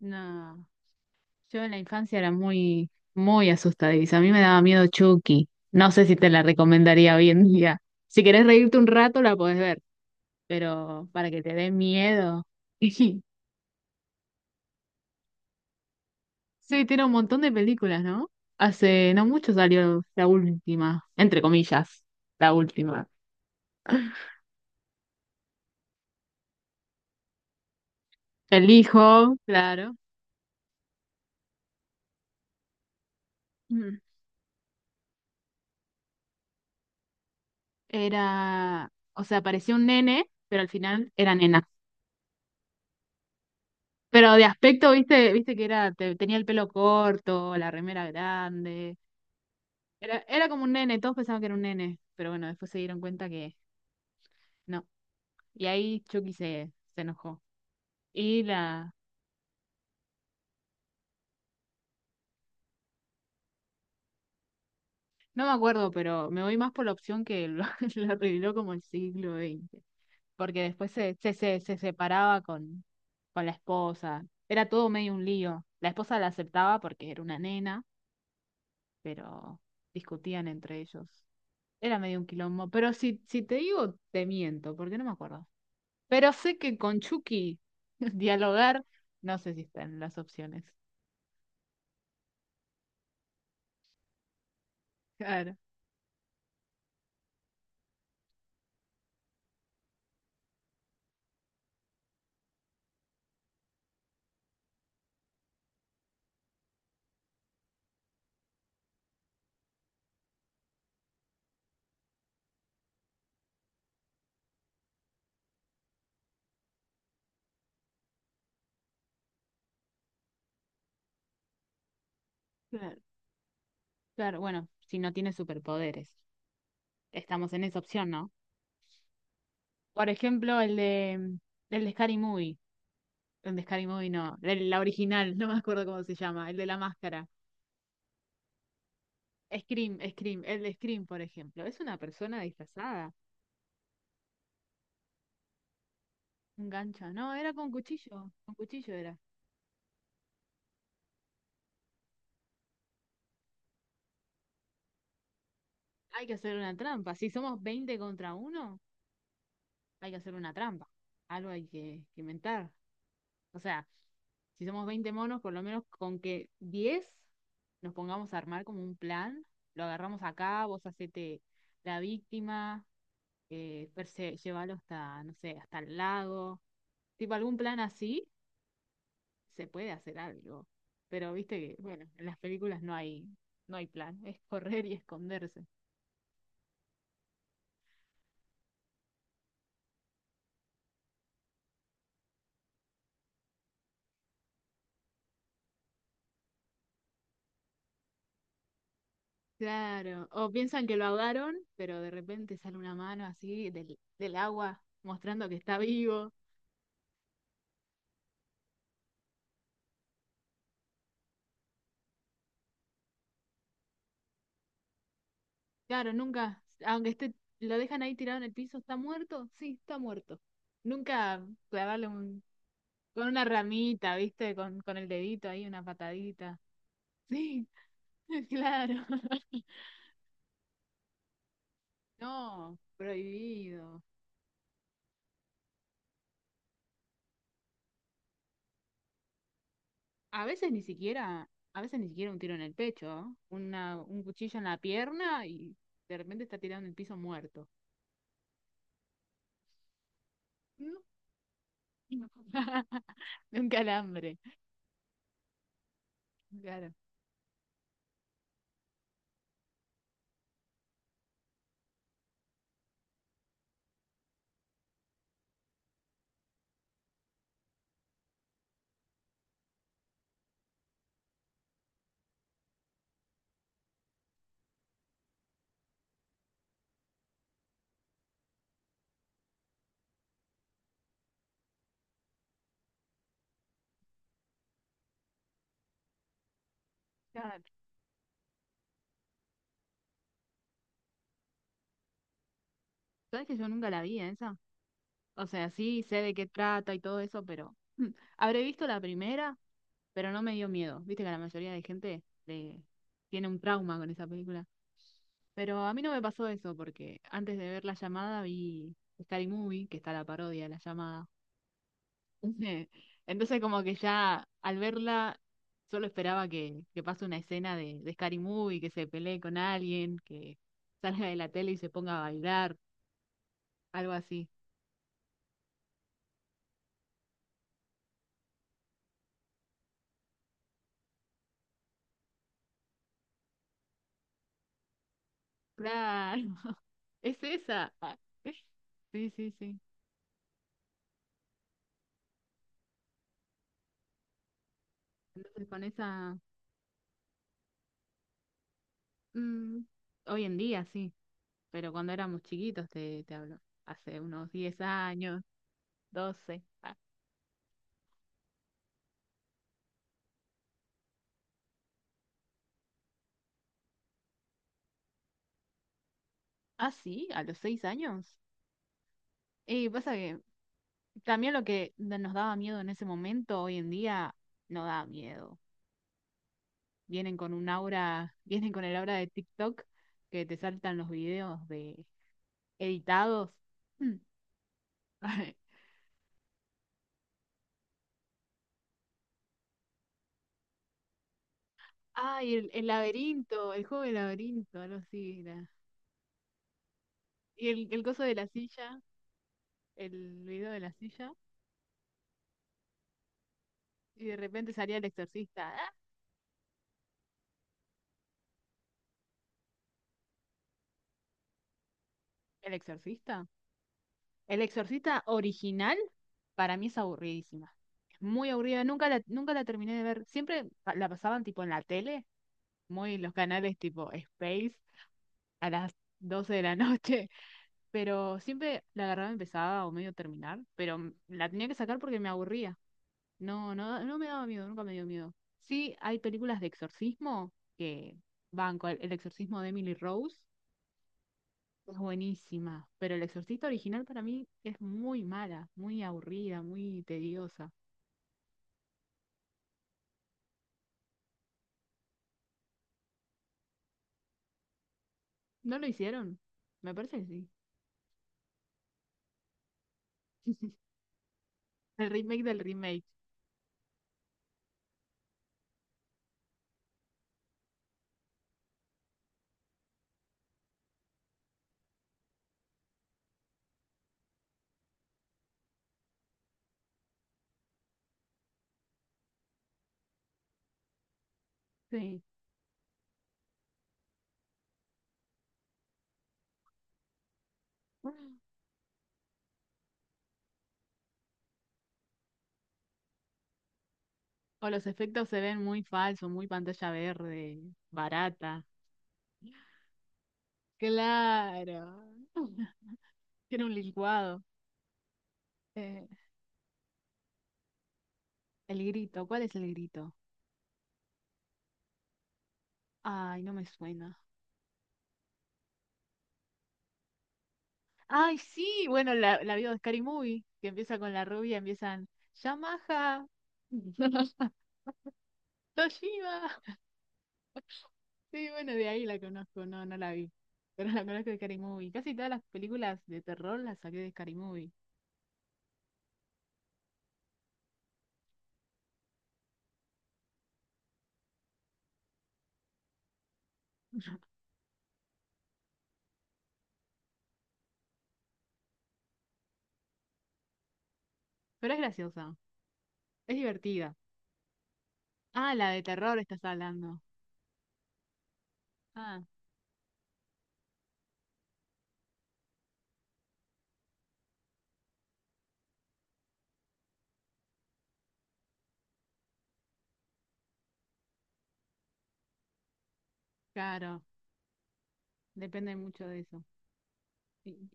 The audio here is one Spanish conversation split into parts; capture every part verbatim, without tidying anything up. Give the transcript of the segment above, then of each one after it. No, yo en la infancia era muy, muy asustadiza. A mí me daba miedo Chucky. No sé si te la recomendaría hoy en día. Si querés reírte un rato, la podés ver, pero para que te dé miedo. Sí, tiene un montón de películas, ¿no? Hace no mucho salió la última, entre comillas, la última. El hijo, claro. Mm. Era, o sea, parecía un nene, pero al final era nena. Pero de aspecto, viste, viste que era, te- tenía el pelo corto, la remera grande. Era, era como un nene, todos pensaban que era un nene, pero bueno, después se dieron cuenta que no. Y ahí Chucky se, se enojó. Y la, no me acuerdo, pero me voy más por la opción que lo, lo reveló como el siglo veinte. Porque después se, se, se, se separaba con, con la esposa. Era todo medio un lío. La esposa la aceptaba porque era una nena, pero discutían entre ellos. Era medio un quilombo, pero si, si te digo, te miento, porque no me acuerdo. Pero sé que con Chucky dialogar, no sé si están las opciones. Claro. Claro. Claro, bueno, si no tiene superpoderes. Estamos en esa opción, ¿no? Por ejemplo, el de mm, el de Scary Movie. El de Scary Movie no, el- la original, no me acuerdo cómo se llama, el de la máscara. Scream, Scream, el de Scream, por ejemplo. Es una persona disfrazada. Un gancho. No, era con cuchillo, con cuchillo era. Hay que hacer una trampa. Si somos veinte contra uno, hay que hacer una trampa. Algo hay que, que inventar. O sea, si somos veinte monos, por lo menos con que diez nos pongamos a armar como un plan, lo agarramos acá, vos hacete la víctima, eh, perse- llévalo hasta, no sé, hasta el lago. Tipo, algún plan así, se puede hacer algo. Pero viste que, bueno, en las películas no hay, no hay plan, es correr y esconderse. Claro, o piensan que lo ahogaron, pero de repente sale una mano así del, del agua mostrando que está vivo. Claro, nunca, aunque esté, lo dejan ahí tirado en el piso, ¿está muerto? Sí, está muerto. Nunca clavarle un, con una ramita, ¿viste? Con, con el dedito ahí, una patadita. Sí, claro. No, prohibido. A veces ni siquiera, a veces ni siquiera un tiro en el pecho, ¿eh? Una, un cuchillo en la pierna y de repente está tirado en el piso muerto. De un calambre. Claro. Claro. ¿Sabes que yo nunca la vi esa? O sea, sí sé de qué trata y todo eso, pero mm, habré visto la primera, pero no me dio miedo. Viste que la mayoría de gente le tiene un trauma con esa película. Pero a mí no me pasó eso, porque antes de ver La Llamada vi Scary Movie, que está la parodia de La Llamada. Ujú. Entonces como que ya al verla solo esperaba que, que, pase una escena de, de Scary Movie, que se pelee con alguien, que salga de la tele y se ponga a bailar, algo así. Claro, es esa. Ah, sí, sí, sí. Entonces con esa. mm, Hoy en día sí, pero cuando éramos chiquitos te, te hablo. Hace unos diez años, doce. Ah, ah, sí, a los seis años. Y pasa que también lo que nos daba miedo en ese momento, hoy en día, no da miedo. Vienen con un aura, vienen con el aura de TikTok que te saltan los videos de editados. Mm. Ay, el, el laberinto, el juego del laberinto, algo así era. Y el, el coso de la silla, el video de la silla, y de repente salía el exorcista. ¿Ah? ¿El exorcista? El Exorcista original para mí es aburridísima. Es muy aburrida. Nunca la, nunca la terminé de ver. Siempre pa- la pasaban tipo en la tele, muy los canales tipo Space a las doce de la noche. Pero siempre la agarraba empezaba o medio terminar. Pero m- la tenía que sacar porque me aburría. No, no, no me daba miedo, nunca me dio miedo. Sí, hay películas de exorcismo que van con el exorcismo de Emily Rose. Es buenísima, pero El Exorcista original para mí es muy mala, muy aburrida, muy tediosa. ¿No lo hicieron? Me parece que sí. El remake del remake, sí. O los efectos se ven muy falsos, muy pantalla verde, barata. Claro. Tiene un licuado. Eh, el grito, ¿cuál es el grito? Ay, no me suena. Ay, sí, bueno, la, la vi de Scary Movie, que empieza con la rubia, empiezan, Yamaha, Toshiba. Sí, bueno, de ahí la conozco, no, no la vi, pero la conozco de Scary Movie. Casi todas las películas de terror las saqué de Scary Movie, pero es graciosa, es divertida. Ah, la de terror estás hablando. Ah, claro, depende mucho de eso. Sí,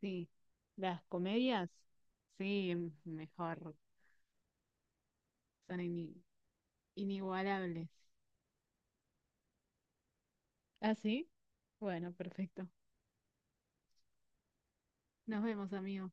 sí. Las comedias, sí, m- mejor, son ini- inigualables. ¿Ah, sí? Bueno, perfecto. Nos vemos, amigos.